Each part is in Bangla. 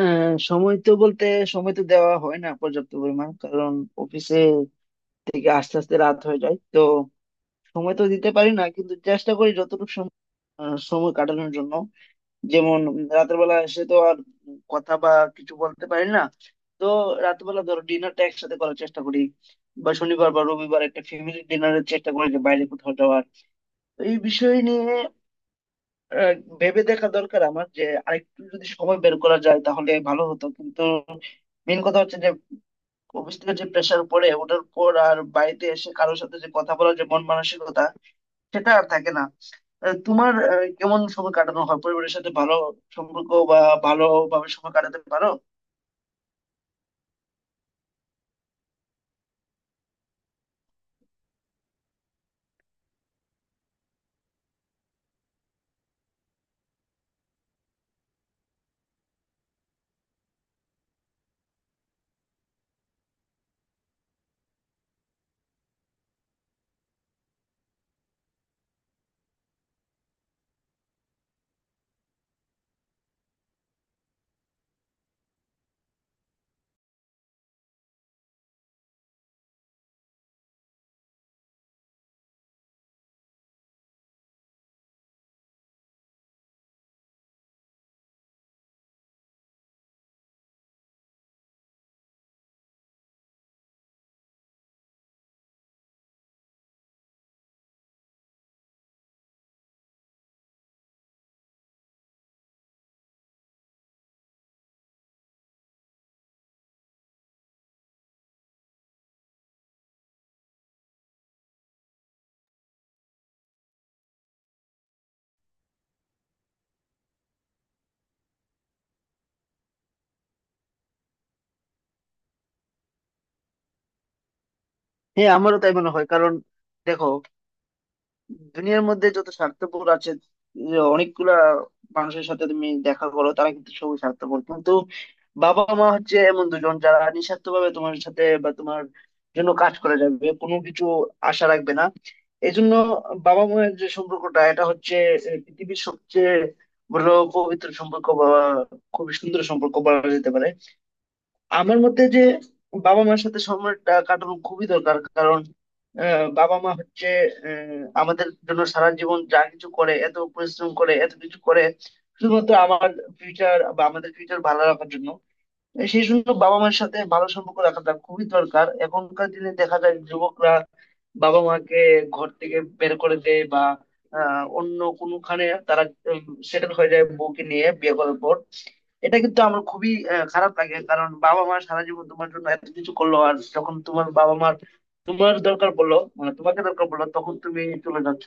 সময় তো বলতে সময় তো দেওয়া হয় না পর্যাপ্ত পরিমাণ কারণ অফিসে থেকে আস্তে আস্তে রাত হয়ে যায়। তো সময় তো দিতে পারি না, কিন্তু চেষ্টা করি যতটুকু সময় কাটানোর জন্য। যেমন রাতের বেলা এসে তো আর কথা বা কিছু বলতে পারি না। তো রাতের বেলা ধরো ডিনারটা একসাথে করার চেষ্টা করি, বা শনিবার বা রবিবার একটা ফ্যামিলি ডিনারের চেষ্টা করি যে বাইরে কোথাও যাওয়ার। তো এই বিষয় নিয়ে আহ, ভেবে দেখা দরকার আমার, যে আরেকটু যদি সময় বের করা যায় তাহলে ভালো হতো। কিন্তু মেন কথা হচ্ছে যে অফিস থেকে যে প্রেশার পড়ে, ওটার পর আর বাড়িতে এসে কারোর সাথে যে কথা বলার যে মন মানসিকতা, সেটা আর থাকে না। তোমার কেমন সময় কাটানো হয় পরিবারের সাথে? ভালো সম্পর্ক বা ভালোভাবে সময় কাটাতে পারো? হ্যাঁ, আমারও তাই মনে হয়। কারণ দেখো, দুনিয়ার মধ্যে যত স্বার্থপর আছে, যে অনেকগুলা মানুষের সাথে তুমি দেখা করো তারা কিন্তু সবই স্বার্থপর। কিন্তু বাবা মা হচ্ছে এমন দুজন, যারা নিঃস্বার্থ ভাবে তোমার সাথে বা তোমার জন্য কাজ করে যাবে, কোনো কিছু আশা রাখবে না। এই জন্য বাবা মায়ের যে সম্পর্কটা, এটা হচ্ছে এ, পৃথিবীর সবচেয়ে বড় পবিত্র সম্পর্ক, বা খুবই সুন্দর সম্পর্ক বলা যেতে পারে। আমার মতে যে বাবা মার সাথে সময়টা কাটানো খুবই দরকার। কারণ বাবা মা হচ্ছে আমাদের জন্য সারা জীবন যা কিছু করে, এত পরিশ্রম করে, এত কিছু করে শুধুমাত্র আমার ফিউচার বা আমাদের ফিউচার ভালো রাখার জন্য। সেই জন্য বাবা মায়ের সাথে ভালো সম্পর্ক রাখাটা খুবই দরকার। এখনকার দিনে দেখা যায় যুবকরা বাবা মাকে ঘর থেকে বের করে দেয়, বা অন্য কোনোখানে তারা সেটেল হয়ে যায় বউকে নিয়ে বিয়ে করার পর। এটা কিন্তু আমার খুবই খারাপ লাগে। কারণ বাবা মা সারা জীবন তোমার জন্য এত কিছু করলো, আর যখন তোমার বাবা মার তোমার দরকার পড়লো, মানে তোমাকে দরকার পড়লো, তখন তুমি চলে যাচ্ছ।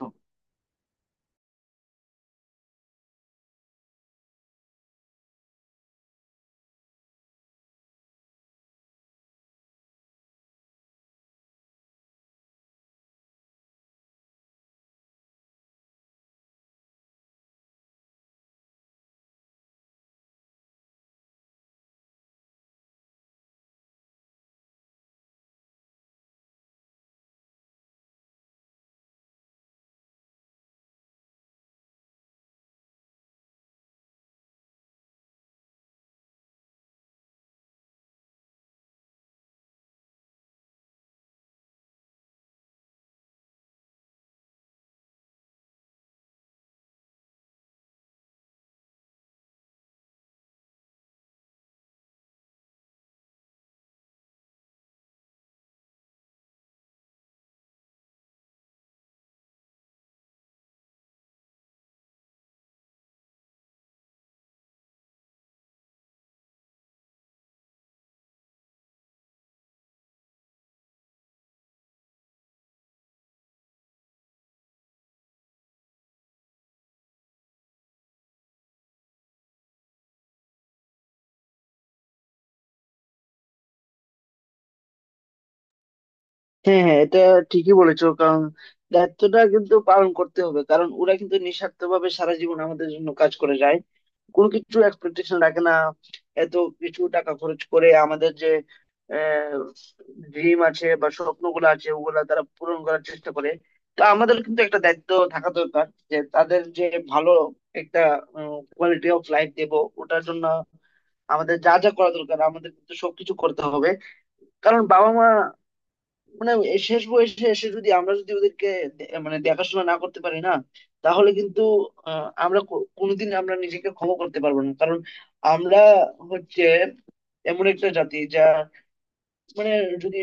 হ্যাঁ হ্যাঁ, এটা ঠিকই বলেছো। কারণ দায়িত্বটা কিন্তু পালন করতে হবে, কারণ ওরা কিন্তু নিঃস্বার্থভাবে সারা জীবন আমাদের জন্য কাজ করে যায়, কোনো কিছু এক্সপেকটেশন রাখে না। এত কিছু টাকা খরচ করে আমাদের যে ড্রিম আছে বা স্বপ্নগুলো আছে ওগুলা তারা পূরণ করার চেষ্টা করে। তো আমাদের কিন্তু একটা দায়িত্ব থাকা দরকার, যে তাদের যে ভালো একটা কোয়ালিটি অফ লাইফ দেব। ওটার জন্য আমাদের যা যা করা দরকার আমাদের কিন্তু সবকিছু করতে হবে। কারণ বাবা মা মানে শেষ বয়সে এসে যদি আমরা যদি ওদেরকে মানে দেখাশোনা না করতে পারি না, তাহলে কিন্তু আমরা কোনোদিন আমরা নিজেকে ক্ষমা করতে পারবো না। কারণ আমরা হচ্ছে এমন একটা জাতি, যা মানে যদি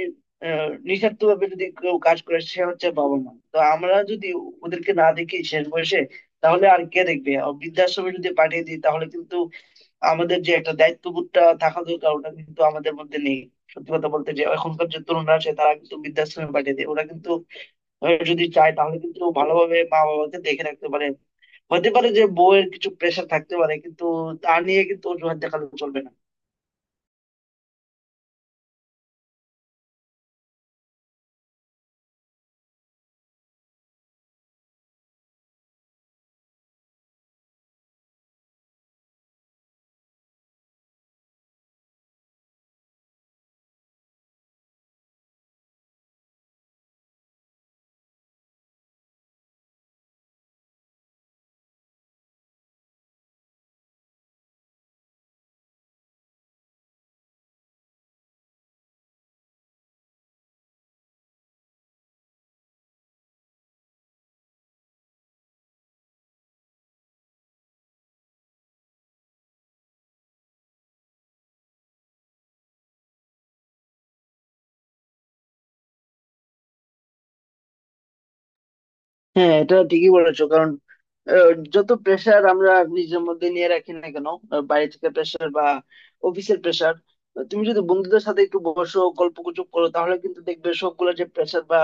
নিঃস্বার্থ ভাবে যদি কেউ কাজ করে সে হচ্ছে বাবা মা। তো আমরা যদি ওদেরকে না দেখি শেষ বয়সে, তাহলে আর কে দেখবে? আর বৃদ্ধাশ্রমে যদি পাঠিয়ে দিই, তাহলে কিন্তু আমাদের যে একটা দায়িত্ববোধটা থাকা দরকার, ওটা কিন্তু আমাদের মধ্যে নেই। সত্যি কথা বলতে, যে এখনকার যে তরুণরা আছে তারা কিন্তু বৃদ্ধাশ্রমে পাঠিয়ে দেয়। ওরা কিন্তু যদি চায় তাহলে কিন্তু ভালোভাবে মা বাবাকে দেখে রাখতে পারে। হতে পারে যে বউয়ের কিছু প্রেশার থাকতে পারে, কিন্তু তা নিয়ে কিন্তু অজুহাত দেখালে চলবে না। হ্যাঁ, এটা ঠিকই বলেছো। কারণ যত প্রেশার আমরা নিজের মধ্যে নিয়ে রাখি না কেন, বাইরে থেকে প্রেশার বা অফিসের প্রেশার, তুমি যদি বন্ধুদের সাথে একটু বসো গল্প গুজব করো, তাহলে কিন্তু দেখবে সবগুলো যে প্রেশার বা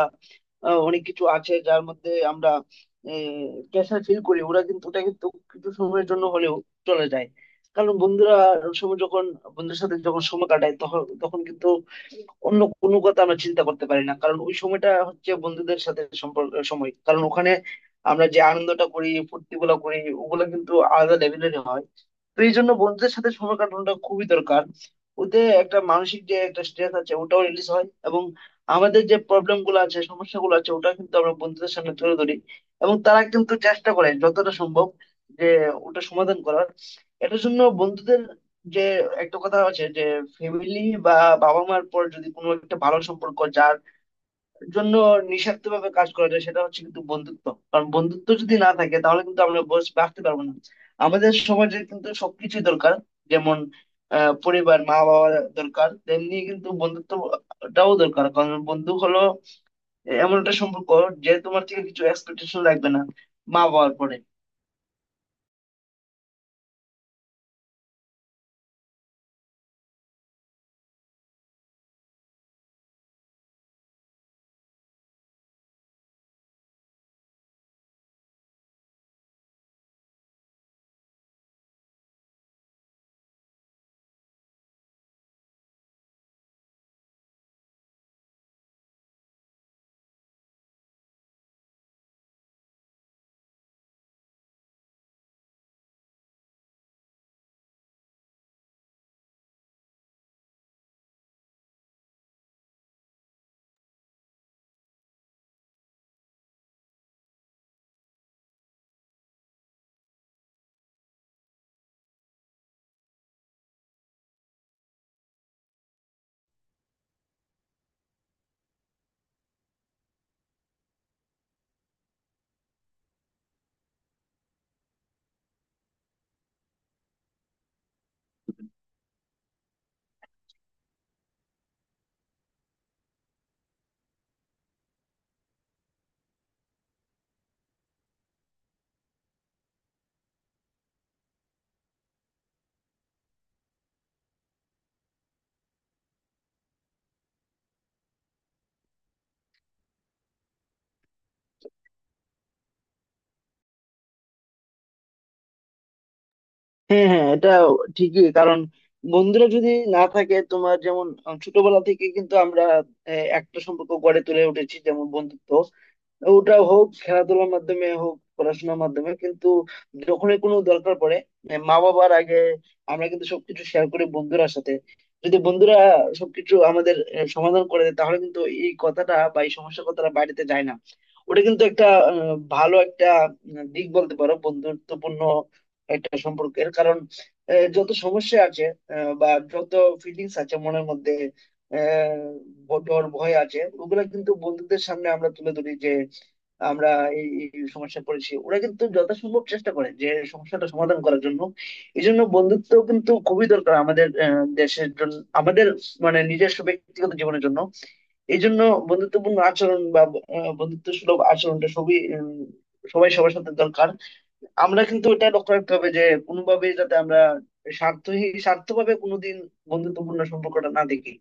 অনেক কিছু আছে যার মধ্যে আমরা প্রেশার ফিল করি, ওরা কিন্তু ওটা কিন্তু কিছু সময়ের জন্য হলেও চলে যায়। কারণ বন্ধুরা সব যখন বন্ধুদের সাথে যখন সময় কাটায়, তখন তখন কিন্তু অন্য কোনো কথা আমরা চিন্তা করতে পারি না। কারণ ওই সময়টা হচ্ছে বন্ধুদের সাথে সম্পর্ক সময়, কারণ ওখানে আমরা যে আনন্দটা করি, ফুর্তি গুলো করি ওগুলো কিন্তু আলাদা লেভেলের হয়। তো এই জন্য বন্ধুদের সাথে সময় কাটানোটা খুবই দরকার। ওতে একটা মানসিক যে একটা স্ট্রেস আছে ওটাও রিলিজ হয়, এবং আমাদের যে প্রবলেম গুলো আছে, সমস্যা গুলো আছে ওটা কিন্তু আমরা বন্ধুদের সামনে তুলে ধরি। এবং তারা কিন্তু চেষ্টা করে যতটা সম্ভব যে ওটা সমাধান করার। এটার জন্য বন্ধুদের যে একটা কথা আছে, যে ফ্যামিলি বা বাবা মার পর যদি কোনো একটা ভালো সম্পর্ক যার জন্য নিঃস্বার্থ ভাবে কাজ করা যায়, সেটা হচ্ছে কিন্তু বন্ধুত্ব। কারণ বন্ধুত্ব যদি না থাকে তাহলে কিন্তু আমরা বস বাঁচতে পারবো না। আমাদের সমাজে কিন্তু সবকিছুই দরকার। যেমন পরিবার মা বাবা দরকার, তেমনি কিন্তু বন্ধুত্বটাও দরকার। কারণ বন্ধু হলো এমন একটা সম্পর্ক, যে তোমার থেকে কিছু এক্সপেকটেশন রাখবে না, মা বাবার পরে। হ্যাঁ হ্যাঁ, এটা ঠিকই। কারণ বন্ধুরা যদি না থাকে তোমার, যেমন ছোটবেলা থেকে কিন্তু আমরা একটা সম্পর্ক গড়ে তুলে উঠেছি, যেমন বন্ধুত্ব, ওটা হোক খেলাধুলার মাধ্যমে, হোক পড়াশোনার মাধ্যমে, কিন্তু যখনই কোনো দরকার পড়ে, মানে মা বাবার আগে আমরা কিন্তু সবকিছু শেয়ার করি বন্ধুরার সাথে। যদি বন্ধুরা সবকিছু আমাদের সমাধান করে দেয়, তাহলে কিন্তু এই কথাটা বা এই সমস্যার কথাটা বাড়িতে যায় না। ওটা কিন্তু একটা ভালো একটা দিক বলতে পারো বন্ধুত্বপূর্ণ একটা সম্পর্কের। কারণ যত সমস্যা আছে, বা যত ফিলিংস আছে মনের মধ্যে, আহ, ডর ভয় আছে, ওগুলা কিন্তু বন্ধুদের সামনে আমরা তুলে ধরি। আমরা এই এই সমস্যায় পড়েছি, ওরা কিন্তু যথাসম্ভব চেষ্টা করে যে সমস্যাটা সমাধান করার জন্য। এই জন্য বন্ধুত্ব কিন্তু খুবই দরকার আমাদের দেশের জন্য, আমাদের মানে নিজস্ব ব্যক্তিগত জীবনের জন্য। এই জন্য বন্ধুত্বপূর্ণ আচরণ বা বন্ধুত্ব সুলভ আচরণটা সবই সবাই সবার সাথে দরকার। আমরা কিন্তু এটা লক্ষ্য রাখতে হবে যে কোনোভাবেই যাতে আমরা স্বার্থহীন স্বার্থভাবে কোনোদিন বন্ধুত্বপূর্ণ সম্পর্কটা না দেখি।